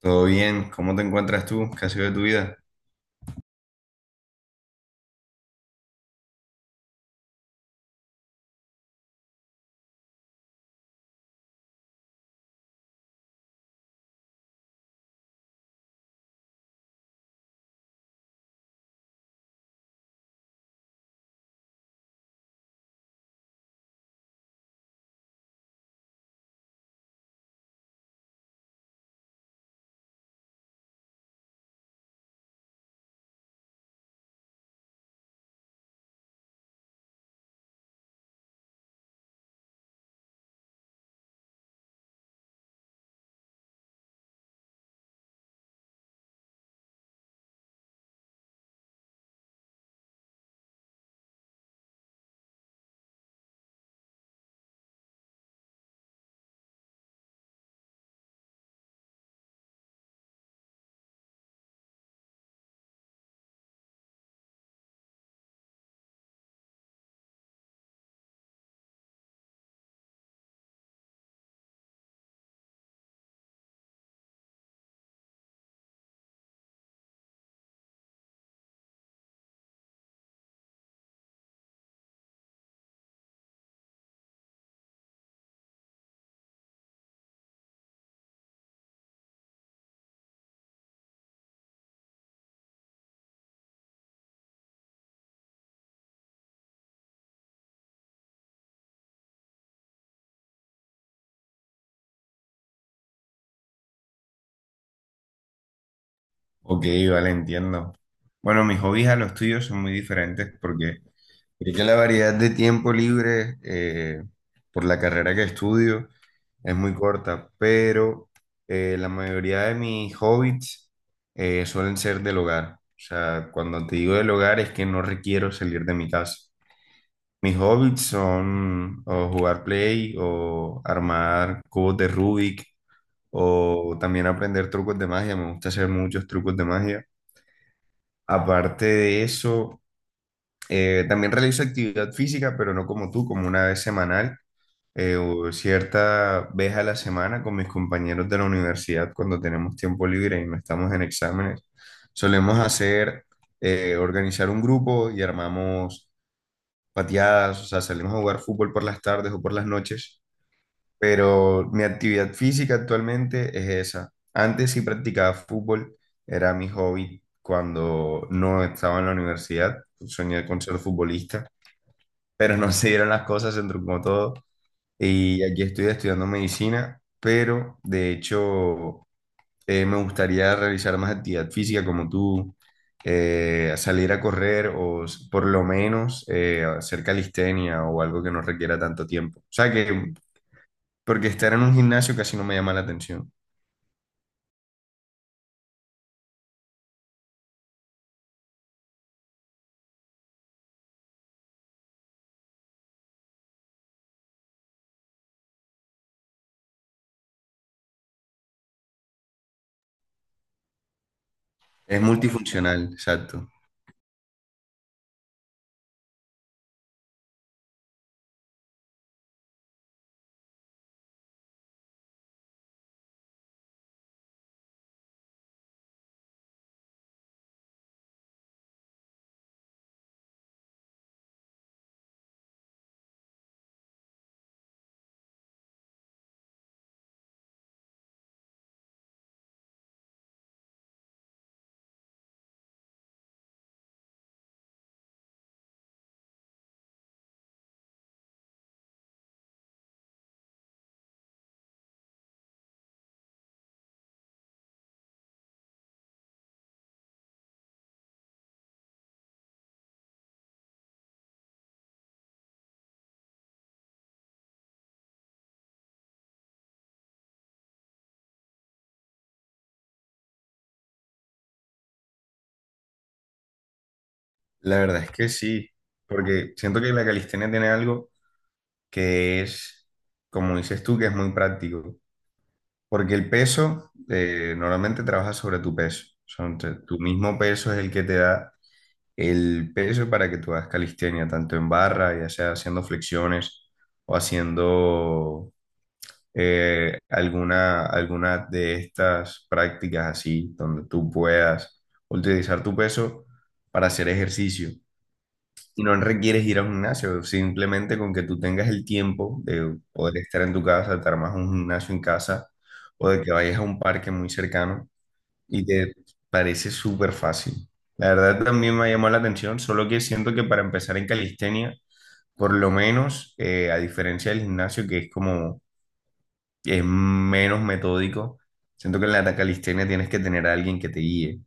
Todo bien, ¿cómo te encuentras tú? ¿Qué ha sido de tu vida? Ok, vale, entiendo. Bueno, mis hobbies a los tuyos son muy diferentes porque creo que la variedad de tiempo libre por la carrera que estudio es muy corta, pero la mayoría de mis hobbies suelen ser del hogar. O sea, cuando te digo del hogar es que no requiero salir de mi casa. Mis hobbies son o jugar play o armar cubos de Rubik o también aprender trucos de magia, me gusta hacer muchos trucos de magia. Aparte de eso, también realizo actividad física, pero no como tú, como una vez semanal, o cierta vez a la semana con mis compañeros de la universidad cuando tenemos tiempo libre y no estamos en exámenes. Solemos hacer, organizar un grupo y armamos pateadas, o sea, salimos a jugar fútbol por las tardes o por las noches, pero mi actividad física actualmente es esa. Antes sí practicaba fútbol, era mi hobby cuando no estaba en la universidad, soñé con ser futbolista, pero no se dieron las cosas, se truncó todo y aquí estoy estudiando medicina, pero de hecho me gustaría realizar más actividad física como tú, salir a correr por lo menos hacer calistenia o algo que no requiera tanto tiempo. O sea que porque estar en un gimnasio casi no me llama la atención. Es multifuncional, exacto. La verdad es que sí, porque siento que la calistenia tiene algo que es, como dices tú, que es muy práctico. Porque el peso, normalmente trabajas sobre tu peso. Son, tu mismo peso es el que te da el peso para que tú hagas calistenia, tanto en barra, ya sea haciendo flexiones o haciendo alguna, alguna de estas prácticas así, donde tú puedas utilizar tu peso para hacer ejercicio. Y no requieres ir a un gimnasio, simplemente con que tú tengas el tiempo de poder estar en tu casa, de te armas un gimnasio en casa o de que vayas a un parque muy cercano y te parece súper fácil. La verdad también me llamó la atención, solo que siento que para empezar en calistenia, por lo menos a diferencia del gimnasio, que es como es menos metódico. Siento que en la calistenia tienes que tener a alguien que te guíe.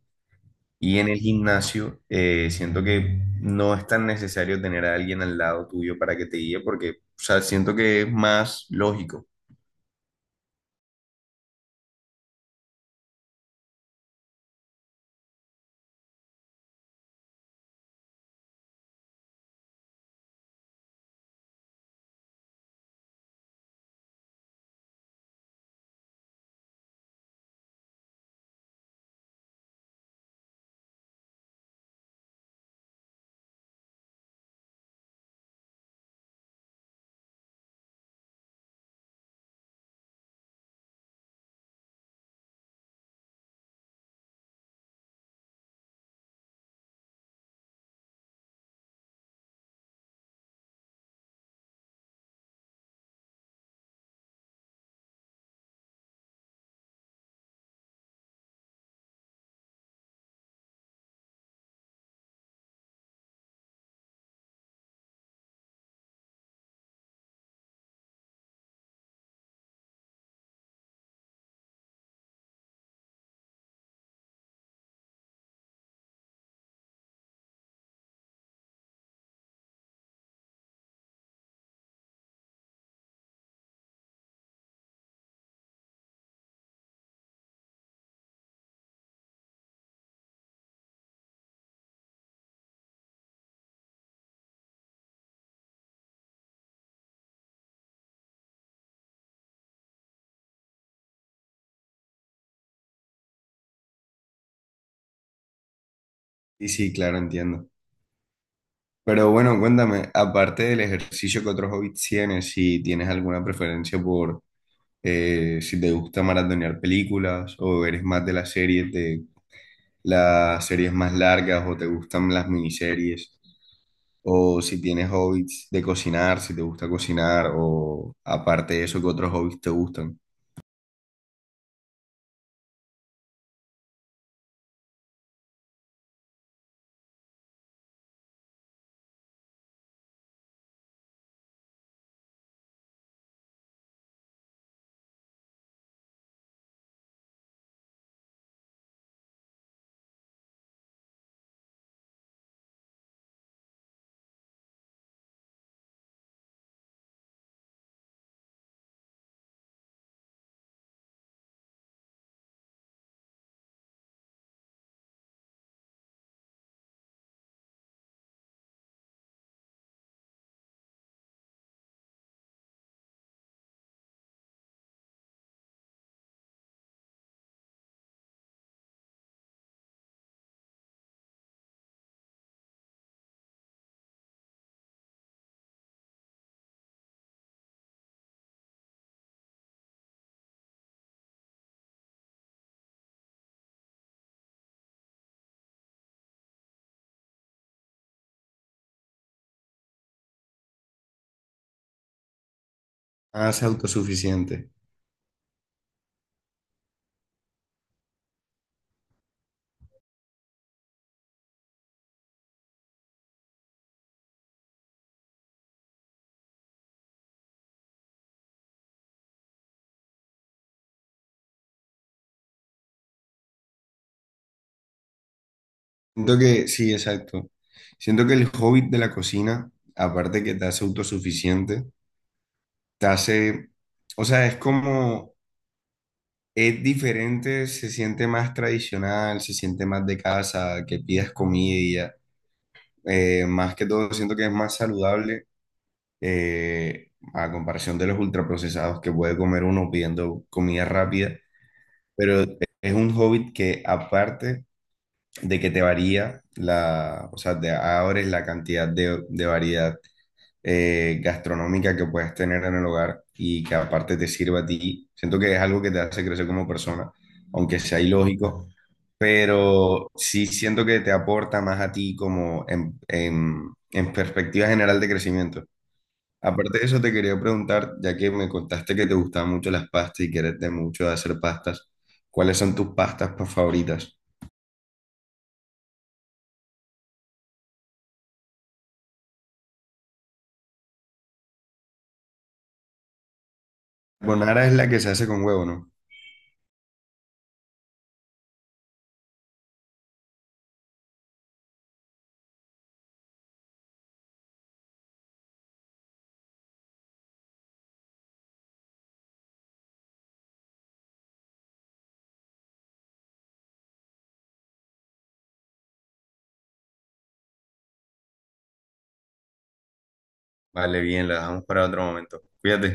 Y en el gimnasio, siento que no es tan necesario tener a alguien al lado tuyo para que te guíe, porque, o sea, siento que es más lógico. Y sí, claro, entiendo. Pero bueno, cuéntame, aparte del ejercicio, ¿qué otros hobbies tienes? Si tienes alguna preferencia por si te gusta maratonear películas o eres más de las series más largas o te gustan las miniseries. O si tienes hobbies de cocinar, si te gusta cocinar, o aparte de eso, ¿qué otros hobbies te gustan? Ah, ser autosuficiente. Siento que, sí, exacto. Siento que el hobby de la cocina, aparte que te hace autosuficiente, te hace, o sea, es como, es diferente, se siente más tradicional, se siente más de casa, que pidas comida. Más que todo, siento que es más saludable eh, a comparación de los ultraprocesados que puede comer uno pidiendo comida rápida, pero es un hobby que aparte de que te varía la, o sea, te abres la cantidad de variedad gastronómica que puedes tener en el hogar y que aparte te sirva a ti. Siento que es algo que te hace crecer como persona, aunque sea ilógico. Pero sí siento que te aporta más a ti como en, en perspectiva general de crecimiento. Aparte de eso, te quería preguntar, ya que me contaste que te gustaban mucho las pastas y que eres de mucho de hacer pastas, ¿cuáles son tus pastas favoritas? Bonara es la que se hace con huevo, ¿no? Vale, bien, la dejamos para otro momento. Cuídate.